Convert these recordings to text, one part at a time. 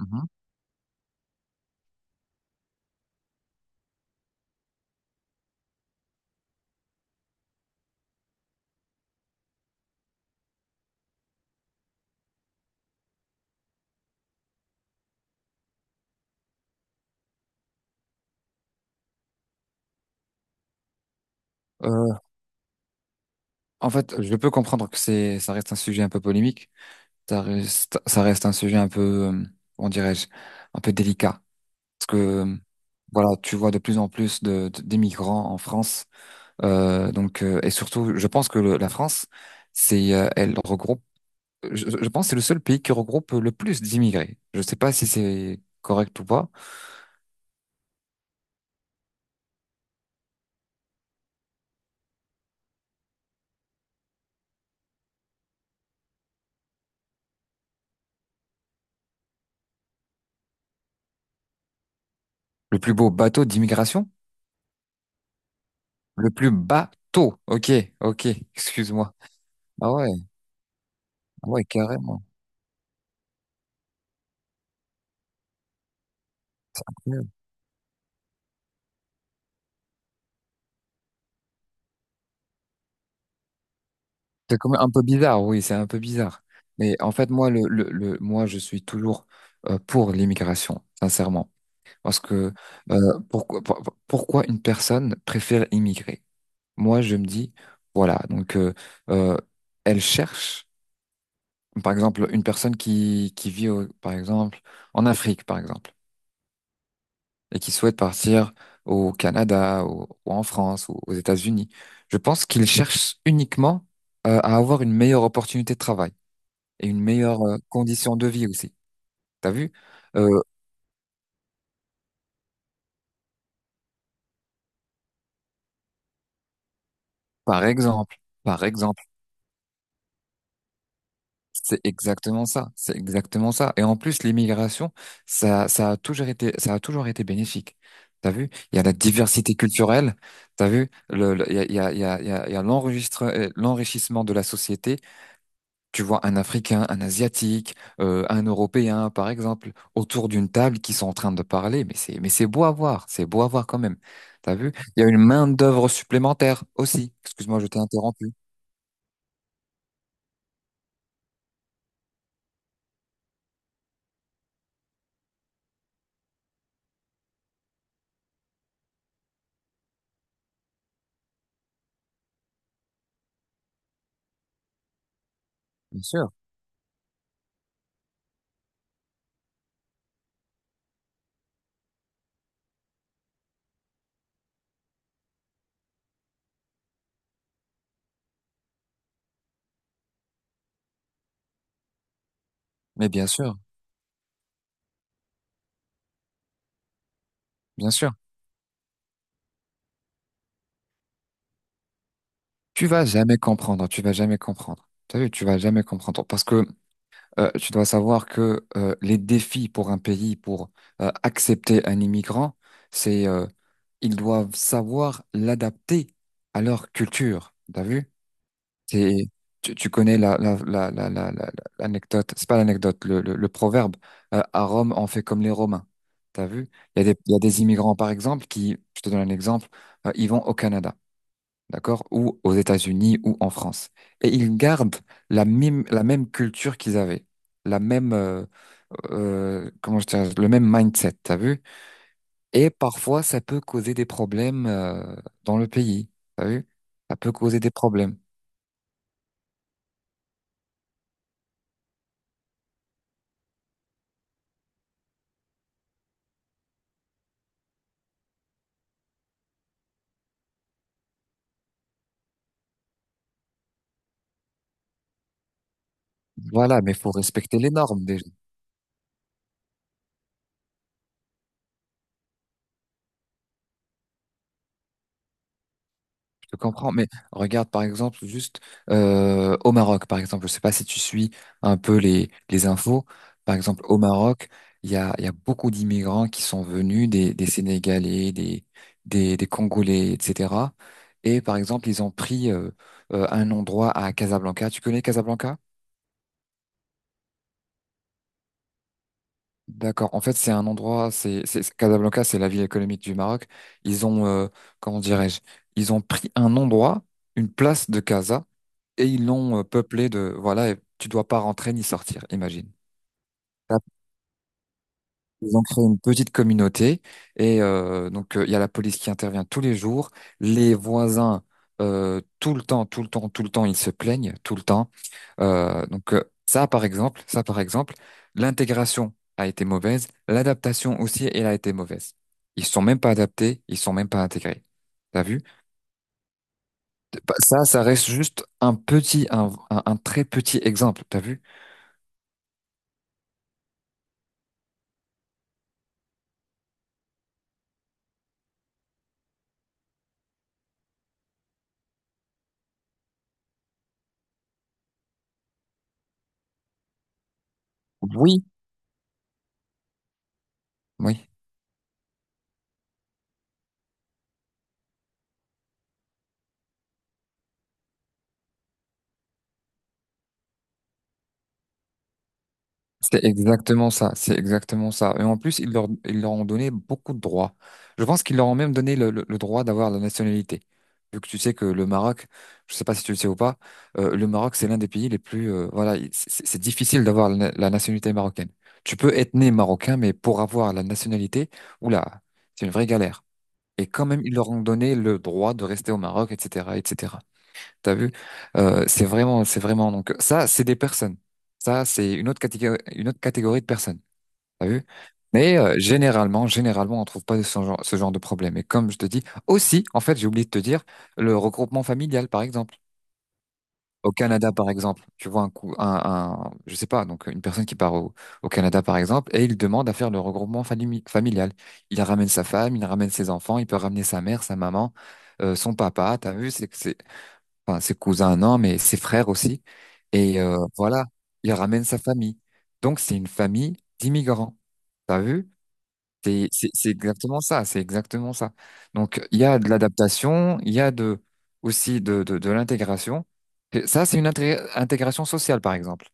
Mhm. Euh, en fait, je peux comprendre que ça reste un sujet un peu polémique. Ça reste un sujet un peu, euh, comment dirais-je, un peu délicat. Parce que, voilà, tu vois de plus en plus d'immigrants en France. Donc, et surtout, je pense que la France, c'est, elle regroupe, je, je pense que c'est le seul pays qui regroupe le plus d'immigrés. Je sais pas si c'est correct ou pas. Le plus beau bateau d'immigration? Le plus bateau. Ok, ok, excuse-moi. Ah ouais, ah ouais, carrément. Ouais. C'est quand même un peu bizarre, oui, c'est un peu bizarre. Mais en fait, moi, moi, je suis toujours pour l'immigration, sincèrement. Parce que pourquoi une personne préfère immigrer? Moi, je me dis, voilà, donc euh, elle cherche, par exemple, une personne qui vit, par exemple, en Afrique, par exemple, et qui souhaite partir au Canada ou en France ou aux États-Unis. Je pense qu'il cherche uniquement à avoir une meilleure opportunité de travail. Et une meilleure condition de vie aussi. T'as vu? Euh, par exemple, par exemple, c'est exactement ça, c'est exactement ça. Et en plus, l'immigration, ça a toujours été, ça a toujours été bénéfique. T'as vu? Il y a la diversité culturelle. T'as vu? Il y a, il y a, il y a, il y a il y a l'enrichissement de la société. Tu vois un Africain, un Asiatique, un Européen, par exemple, autour d'une table qui sont en train de parler, mais c'est beau à voir, c'est beau à voir quand même. T'as vu? Il y a une main-d'œuvre supplémentaire aussi. Excuse-moi, je t'ai interrompu. Bien sûr. Mais bien sûr, bien sûr. Tu vas jamais comprendre, tu vas jamais comprendre. T'as vu, tu vas jamais comprendre. Parce que tu dois savoir que les défis pour un pays, pour accepter un immigrant, c'est ils doivent savoir l'adapter à leur culture. T'as vu? C'est, tu, tu connais l'anecdote, c'est pas l'anecdote, le proverbe, à Rome, on fait comme les Romains. T'as vu? Il y a des immigrants, par exemple, qui, je te donne un exemple, ils vont au Canada, d'accord? Ou aux États-Unis ou en France. Et ils gardent la même culture qu'ils avaient, la même, comment je dirais, le même mindset, t'as vu? Et parfois, ça peut causer des problèmes dans le pays. T'as vu? Ça peut causer des problèmes. Voilà, mais il faut respecter les normes déjà. Je comprends, mais regarde par exemple juste au Maroc, par exemple, je sais pas si tu suis un peu les infos. Par exemple, au Maroc, il y a beaucoup d'immigrants qui sont venus, des Sénégalais, des Congolais, etc. Et par exemple, ils ont pris un endroit à Casablanca. Tu connais Casablanca? D'accord. En fait, c'est un endroit, Casablanca, c'est la ville économique du Maroc. Ils ont, comment dirais-je, ils ont pris un endroit, une place de Casa. Et ils l'ont peuplé de, voilà, et tu dois pas rentrer ni sortir, imagine. Là, ils ont créé une petite communauté et donc il y a la police qui intervient tous les jours, les voisins tout le temps, tout le temps, tout le temps, ils se plaignent tout le temps. Donc ça par exemple, l'intégration a été mauvaise, l'adaptation aussi elle a été mauvaise. Ils sont même pas adaptés, ils sont même pas intégrés. T'as vu? Bah, ça reste juste un petit, un très petit exemple. T'as vu? Oui, oui. C'est exactement ça, c'est exactement ça. Et en plus, ils leur ont donné beaucoup de droits. Je pense qu'ils leur ont même donné le droit d'avoir la nationalité. Vu que tu sais que le Maroc, je sais pas si tu le sais ou pas, le Maroc, c'est l'un des pays les plus... voilà, c'est difficile d'avoir la nationalité marocaine. Tu peux être né marocain, mais pour avoir la nationalité, oula, c'est une vraie galère. Et quand même, ils leur ont donné le droit de rester au Maroc, etc., etc. T'as vu? C'est vraiment, c'est vraiment. Donc ça, c'est des personnes. Ça, c'est une autre catégorie de personnes. T'as vu? Mais généralement, généralement, on trouve pas ce genre, ce genre de problème. Et comme je te dis, aussi, en fait, j'ai oublié de te dire, le regroupement familial, par exemple. Au Canada, par exemple, tu vois un coup, je sais pas, donc une personne qui part au Canada, par exemple, et il demande à faire le regroupement familial. Il ramène sa femme, il ramène ses enfants, il peut ramener sa mère, sa maman, son papa. T'as vu? Enfin ses cousins, non, mais ses frères aussi. Et voilà, il ramène sa famille. Donc c'est une famille d'immigrants. T'as vu? C'est exactement ça, c'est exactement ça. Donc il y a de l'adaptation, il y a de aussi de l'intégration. Et ça, c'est une intégration sociale, par exemple.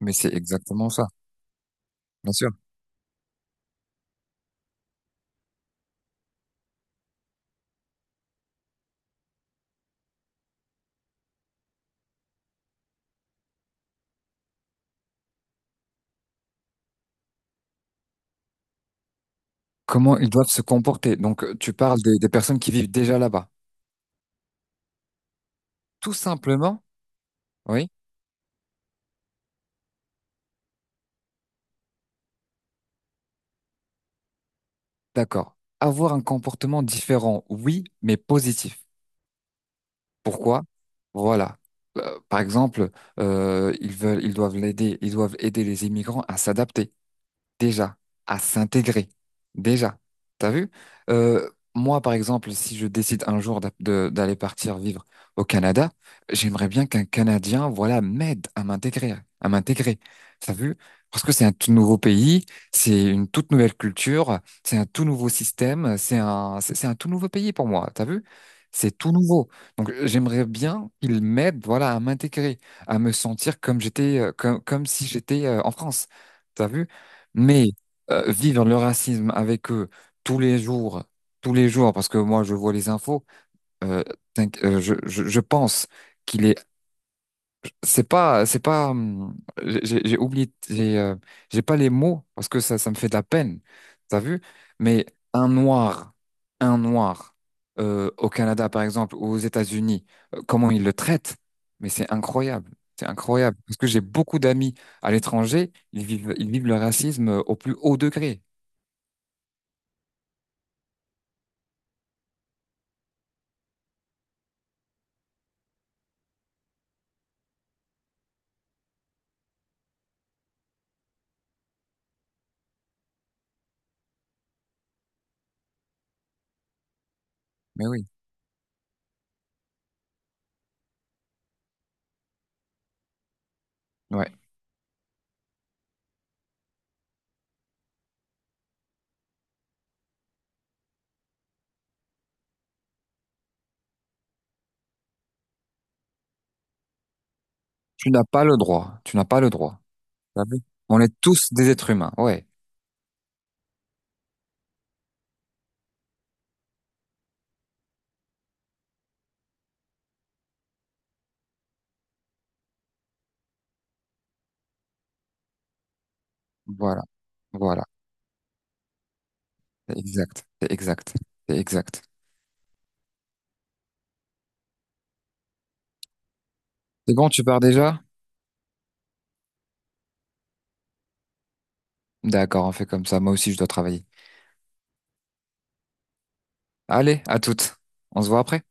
Mais c'est exactement ça, bien sûr. Comment ils doivent se comporter. Donc tu parles des personnes qui vivent déjà là-bas. Tout simplement, oui, d'accord. Avoir un comportement différent, oui, mais positif. Pourquoi? Voilà. Par exemple, ils doivent l'aider, ils doivent aider les immigrants à s'adapter déjà à s'intégrer. Déjà. T'as vu? Euh, Moi, par exemple, si je décide un jour d'aller partir vivre au Canada, j'aimerais bien qu'un Canadien, voilà, m'aide à m'intégrer, à m'intégrer. T'as vu? Parce que c'est un tout nouveau pays, c'est une toute nouvelle culture, c'est un tout nouveau système, c'est un tout nouveau pays pour moi. T'as vu? C'est tout nouveau. Donc, j'aimerais bien qu'il m'aide, voilà, à m'intégrer, à me sentir comme j'étais, comme si j'étais en France. T'as vu? Mais vivre le racisme avec eux tous les jours, tous les jours, parce que moi je vois les infos, euh, je pense qu'il est, c'est pas, j'ai oublié, j'ai pas les mots parce que ça me fait de la peine, t'as vu? Mais un noir, un noir au Canada par exemple ou aux États-Unis, comment ils le traitent? Mais c'est incroyable parce que j'ai beaucoup d'amis à l'étranger, ils vivent le racisme au plus haut degré. Mais oui, ouais. Tu n'as pas le droit. Tu n'as pas le droit. T'as vu. On est tous des êtres humains. Ouais. Voilà. Voilà. C'est exact. C'est exact. C'est exact. C'est bon, tu pars déjà? D'accord, on fait comme ça. Moi aussi, je dois travailler. Allez, à toutes. On se voit après.